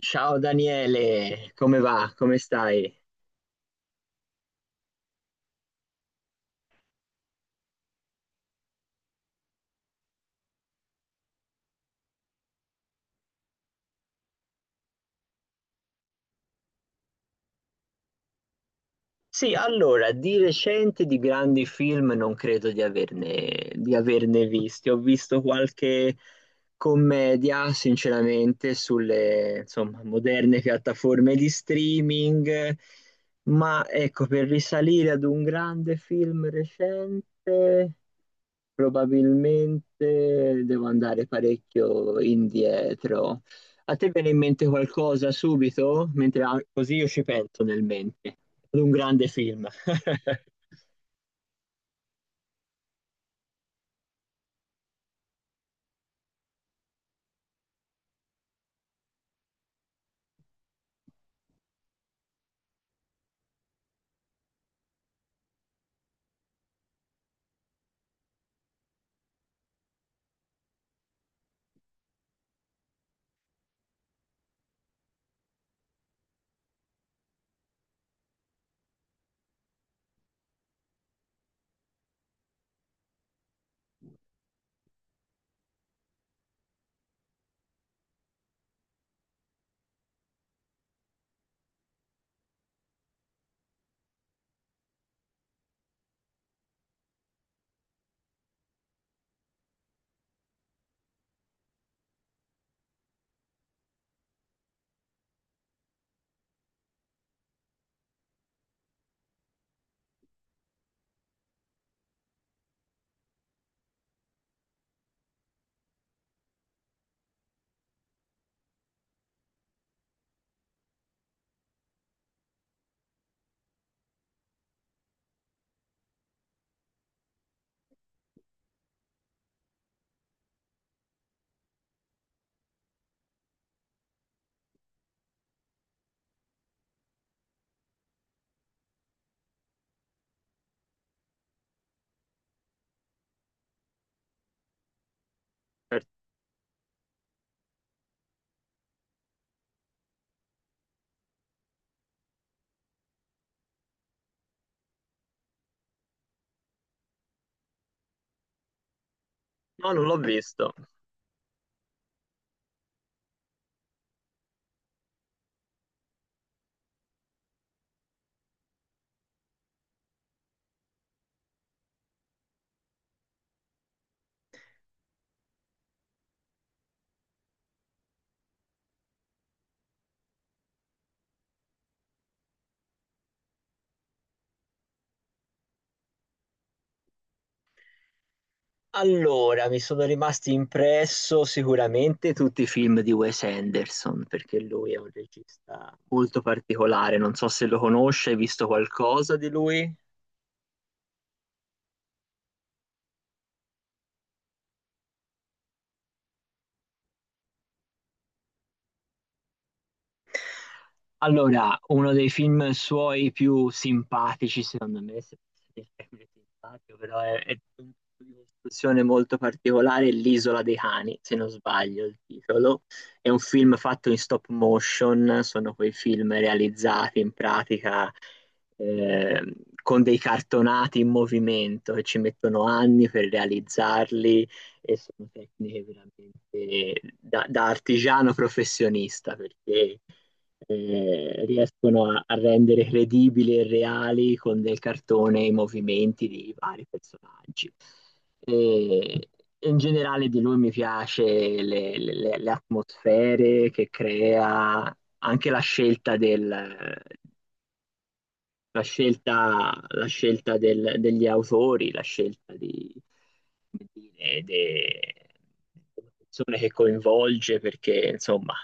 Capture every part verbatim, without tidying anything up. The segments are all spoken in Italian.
Ciao Daniele, come va? Come stai? Sì, allora, di recente di grandi film non credo di averne, di averne visti. Ho visto qualche commedia, sinceramente, sulle, insomma, moderne piattaforme di streaming, ma ecco, per risalire ad un grande film recente. Probabilmente devo andare parecchio indietro. A te viene in mente qualcosa subito? Mentre ah, così io ci penso nel mente. Ad un grande film. No, non l'ho visto. Allora, mi sono rimasti impresso sicuramente tutti i film di Wes Anderson, perché lui è un regista molto particolare. Non so se lo conosce, hai visto qualcosa di lui? Allora, uno dei film suoi più simpatici, secondo me, se posso dire il termine simpatico, però è, è un tipo di costruzione molto particolare, è L'isola dei cani, se non sbaglio il titolo. È un film fatto in stop motion, sono quei film realizzati in pratica eh, con dei cartonati in movimento che ci mettono anni per realizzarli e sono tecniche veramente da da artigiano professionista perché eh, riescono a, a rendere credibili e reali con del cartone i movimenti di vari personaggi. E in generale di lui mi piace le, le- le atmosfere che crea, anche la scelta del, la scelta, la scelta del- degli autori, la scelta di, come dire, de- delle persone che coinvolge, perché insomma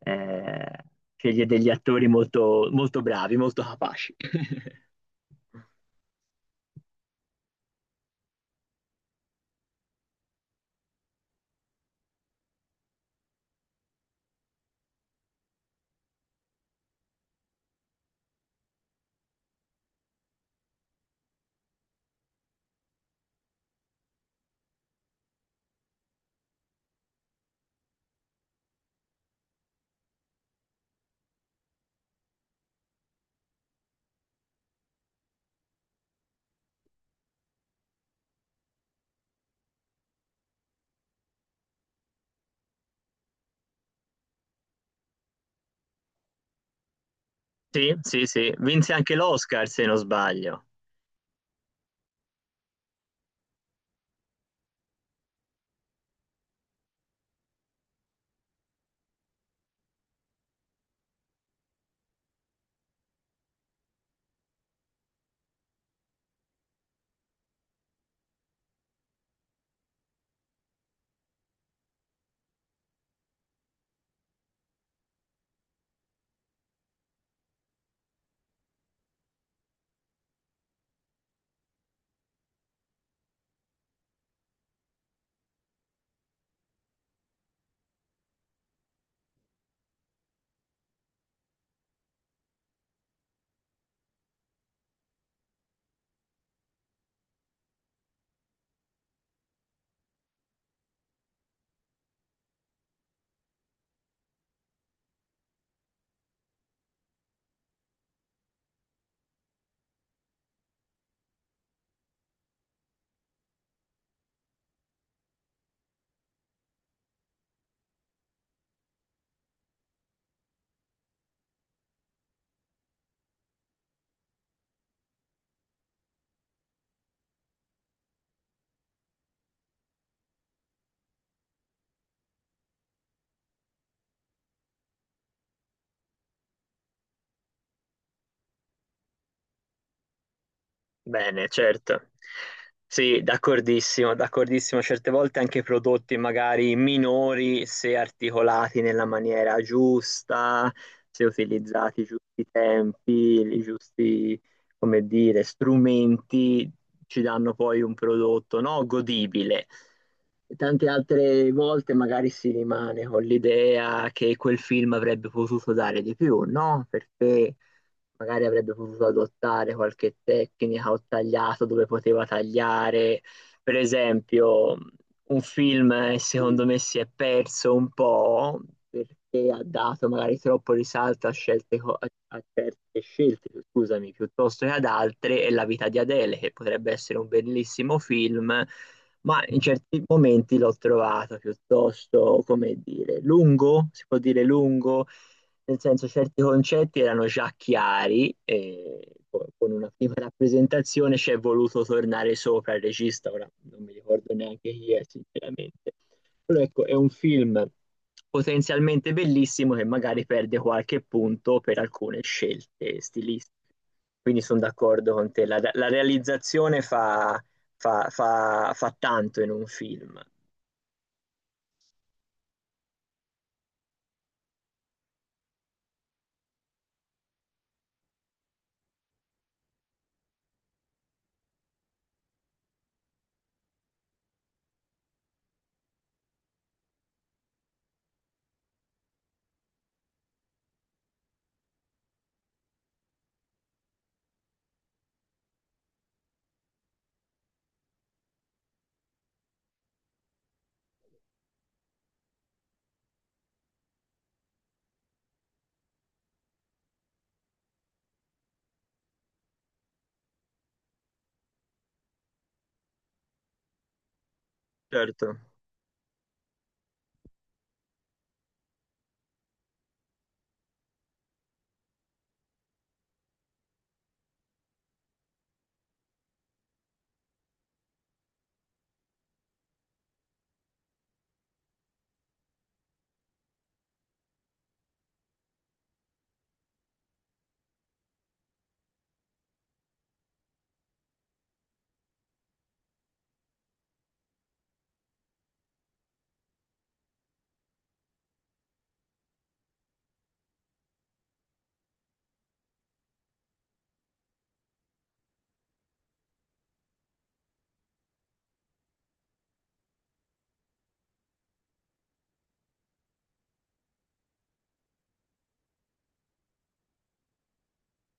eh, sceglie degli attori molto, molto bravi, molto capaci. Sì, sì, sì, vinse anche l'Oscar se non sbaglio. Bene, certo. Sì, d'accordissimo, d'accordissimo. Certe volte anche prodotti magari minori, se articolati nella maniera giusta, se utilizzati i giusti tempi, i giusti, come dire, strumenti, ci danno poi un prodotto, no, godibile. Tante altre volte magari si rimane con l'idea che quel film avrebbe potuto dare di più, no? Perché magari avrebbe potuto adottare qualche tecnica o tagliato dove poteva tagliare. Per esempio, un film eh, secondo me si è perso un po' perché ha dato magari troppo risalto a scelte, co- a, a certe scelte, scusami, piuttosto che ad altre, e La vita di Adele, che potrebbe essere un bellissimo film, ma in certi momenti l'ho trovato piuttosto, come dire, lungo, si può dire lungo nel senso certi concetti erano già chiari e co- con una prima rappresentazione ci è voluto tornare sopra il regista, ora non mi ricordo neanche chi è sinceramente. Però ecco, è un film potenzialmente bellissimo che magari perde qualche punto per alcune scelte stilistiche. Quindi sono d'accordo con te, la, la realizzazione fa, fa, fa, fa tanto in un film, certo.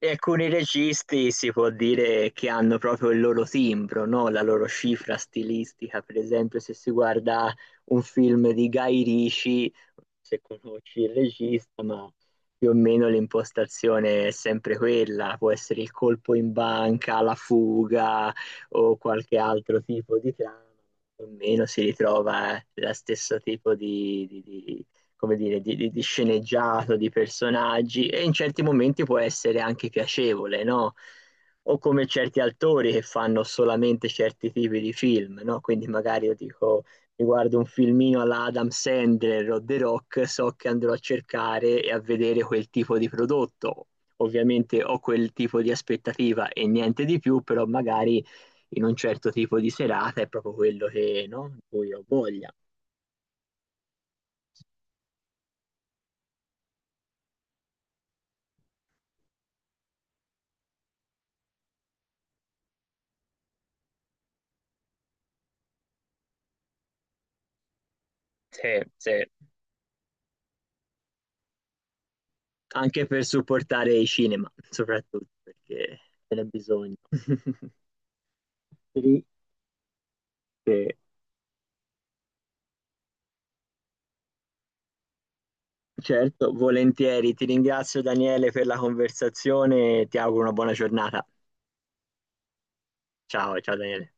E alcuni registi si può dire che hanno proprio il loro timbro, no? La loro cifra stilistica. Per esempio, se si guarda un film di Guy Ritchie, se conosci il regista, ma più o meno l'impostazione è sempre quella, può essere il colpo in banca, la fuga o qualche altro tipo di trama, più o meno si ritrova eh, lo stesso tipo di, di- di- come dire, di, di- di sceneggiato, di personaggi, e in certi momenti può essere anche piacevole, no? O come certi autori che fanno solamente certi tipi di film, no? Quindi magari io dico, mi guardo un filmino alla Adam Sandler o The Rock, so che andrò a cercare e a vedere quel tipo di prodotto. Ovviamente ho quel tipo di aspettativa e niente di più, però magari in un certo tipo di serata è proprio quello che, no? Di cui ho voglia. Sì, sì. Anche per supportare i cinema, soprattutto perché ce n'è bisogno. Sì, eh, certo, volentieri. Ti ringrazio Daniele per la conversazione e ti auguro una buona giornata. Ciao, ciao Daniele.